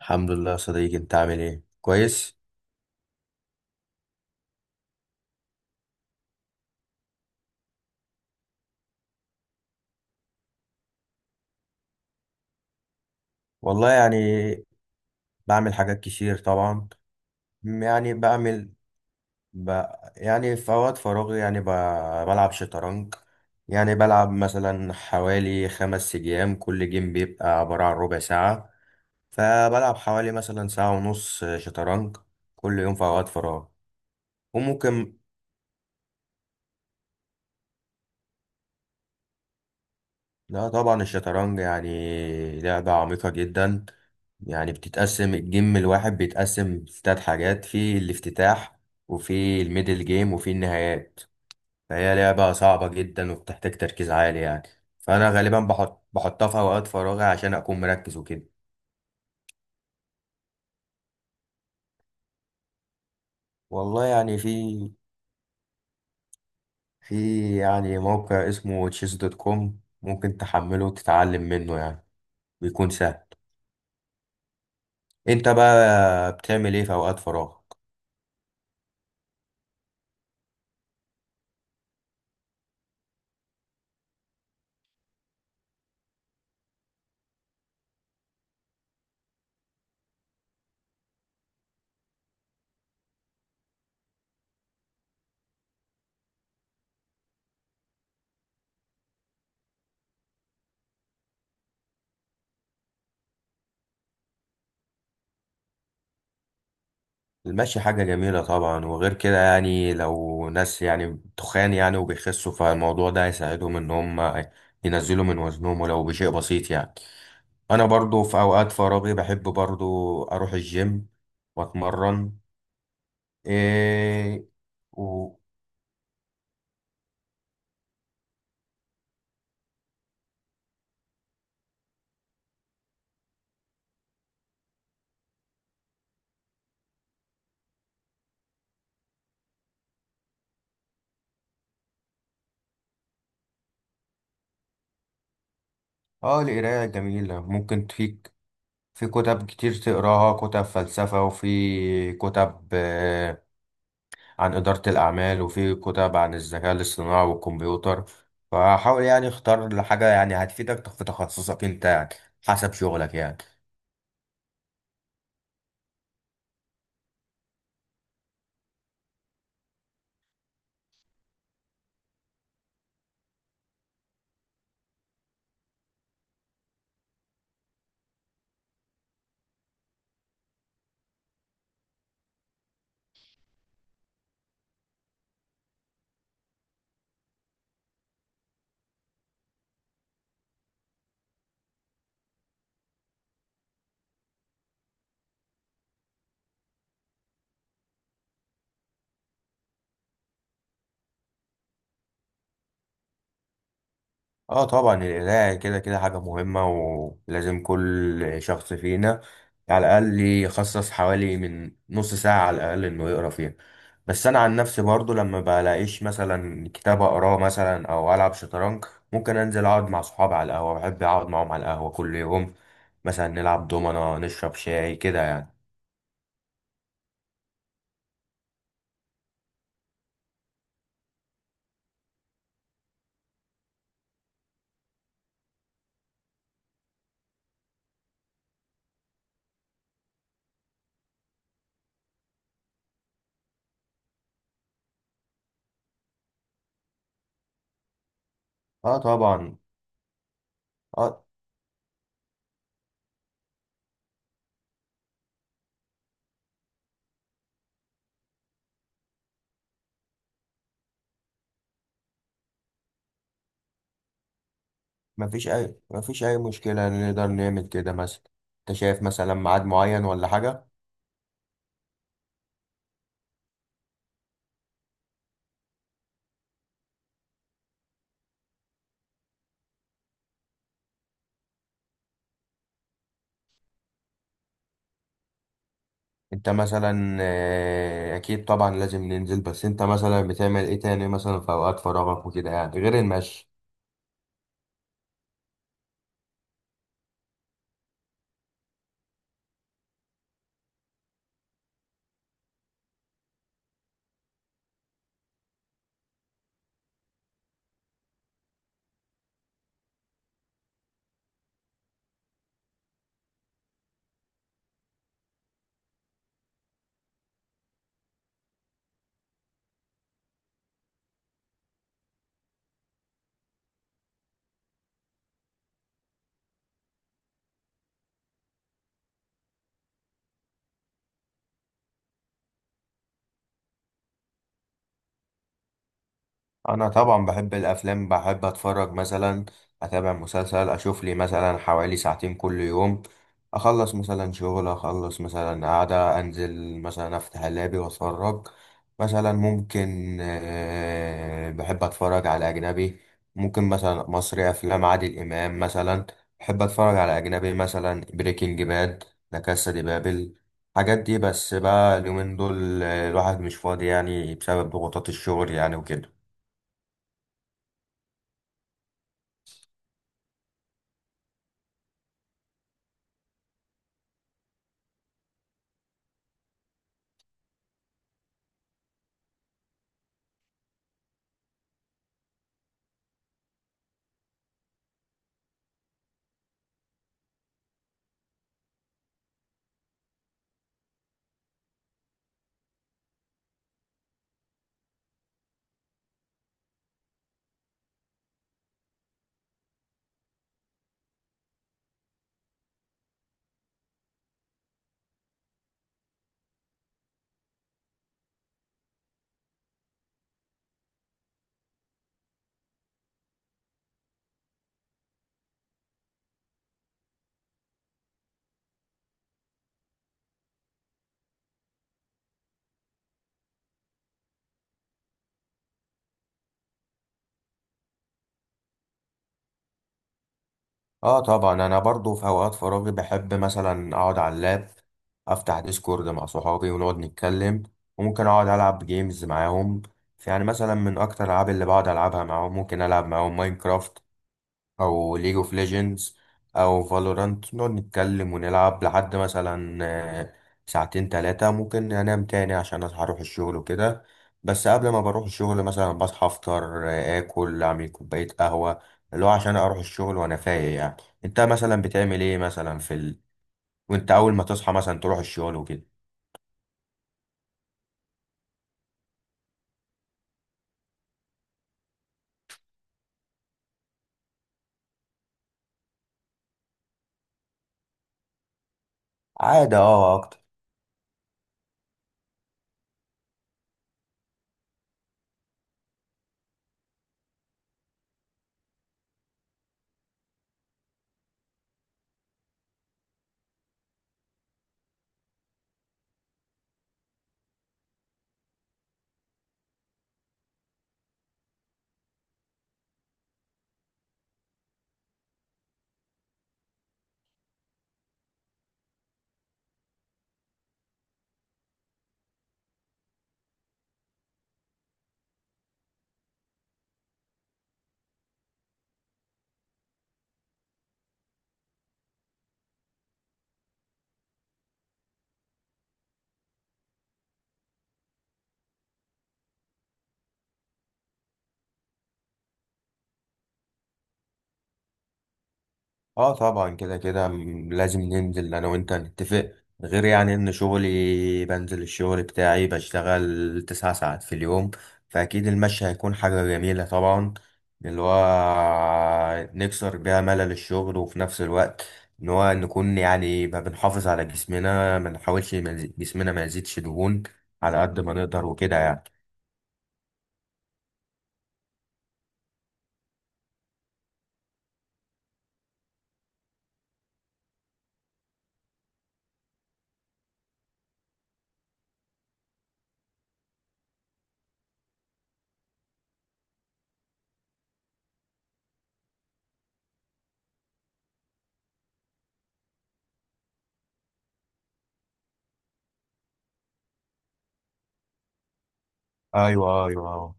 الحمد لله يا صديقي، انت عامل ايه؟ كويس. والله يعني بعمل حاجات كتير طبعا. م- يعني بعمل ب... يعني في اوقات فراغي بلعب شطرنج. يعني بلعب مثلا حوالي 5 ايام، كل جيم بيبقى عبارة عن ربع ساعة، فبلعب حوالي مثلا ساعة ونص شطرنج كل يوم في اوقات فراغ. وممكن. لا طبعا الشطرنج يعني لعبة عميقة جدا، يعني بتتقسم الجيم الواحد بيتقسم في 3 حاجات: في الافتتاح وفي الميدل جيم وفي النهايات. فهي لعبة صعبة جدا وبتحتاج تركيز عالي يعني. فأنا غالبا بحطها في أوقات فراغي عشان أكون مركز وكده. والله يعني في يعني موقع اسمه chess دوت كوم، ممكن تحمله وتتعلم منه يعني، بيكون سهل. أنت بقى بتعمل إيه في أوقات فراغ؟ المشي حاجة جميلة طبعا، وغير كده يعني لو ناس يعني تخان يعني وبيخسوا فالموضوع ده هيساعدهم ان هم ينزلوا من وزنهم ولو بشيء بسيط يعني. انا برضو في اوقات فراغي بحب برضو اروح الجيم واتمرن. إيه. و... اه، القراية جميلة، ممكن فيك في كتب كتير تقراها، كتب فلسفة، وفي كتب عن إدارة الأعمال، وفي كتب عن الذكاء الاصطناعي والكمبيوتر. فحاول يعني اختار لحاجة يعني هتفيدك في تخصصك أنت يعني، حسب شغلك يعني. اه طبعا القراية كده كده حاجة مهمة، ولازم كل شخص فينا على الأقل يخصص حوالي من نص ساعة على الأقل إنه يقرا فيها. بس أنا عن نفسي برضو لما بلاقيش مثلا كتاب أقراه مثلا أو ألعب شطرنج، ممكن أنزل أقعد مع صحابي على القهوة، بحب أقعد معاهم على القهوة كل يوم، مثلا نلعب دومنا نشرب شاي كده يعني. اه طبعا. اه. مفيش أي مشكلة، نقدر نعمل كده مثلا. أنت شايف مثلا ميعاد معين ولا حاجة؟ انت مثلا اكيد طبعا لازم ننزل، بس انت مثلا بتعمل ايه تاني مثلا في اوقات فراغك وكده يعني غير المشي؟ انا طبعا بحب الافلام، بحب اتفرج مثلا، اتابع مسلسل، اشوف لي مثلا حوالي ساعتين كل يوم. اخلص مثلا شغل، اخلص مثلا قاعدة، انزل مثلا افتح اللابي واتفرج. مثلا ممكن بحب اتفرج على اجنبي، ممكن مثلا مصري افلام عادل امام مثلا. بحب اتفرج على اجنبي مثلا بريكنج باد، لا كاسا دي بابل. الحاجات دي، بس بقى اليومين دول الواحد مش فاضي يعني بسبب ضغوطات الشغل يعني وكده. اه طبعا، انا برضو في اوقات فراغي بحب مثلا اقعد على اللاب، افتح ديسكورد مع صحابي ونقعد نتكلم، وممكن اقعد العب جيمز معاهم. يعني مثلا من اكتر الالعاب اللي بقعد العبها معاهم، ممكن العب معاهم ماينكرافت او ليج اوف ليجندز او فالورانت، نقعد نتكلم ونلعب لحد مثلا آه، ساعتين تلاتة، ممكن انام تاني عشان هروح الشغل وكده. بس قبل ما بروح الشغل مثلا بصحى افطر، اكل، اعمل كوباية قهوة، اللي هو عشان اروح الشغل وانا فايق يعني. انت مثلا بتعمل ايه مثلا وانت اول ما تصحى مثلا تروح الشغل وكده؟ عادة اه اكتر. اه طبعا كده كده لازم ننزل انا وانت نتفق. غير يعني ان شغلي، بنزل الشغل بتاعي بشتغل 9 ساعات في اليوم، فاكيد المشي هيكون حاجة جميلة طبعا، اللي هو نكسر بيها ملل الشغل. وفي نفس الوقت ان هو نكون يعني ما بنحافظ على جسمنا، ما نحاولش ما يزي- جسمنا ما يزيدش دهون على قد ما نقدر وكده يعني. ايوه ايوه.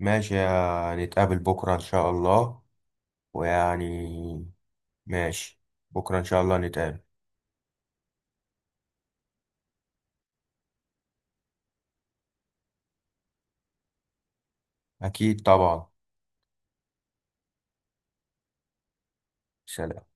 ماشي، نتقابل بكرة ان شاء الله. ويعني ماشي. بكرة إن شاء الله نتقابل. أكيد طبعا. سلام.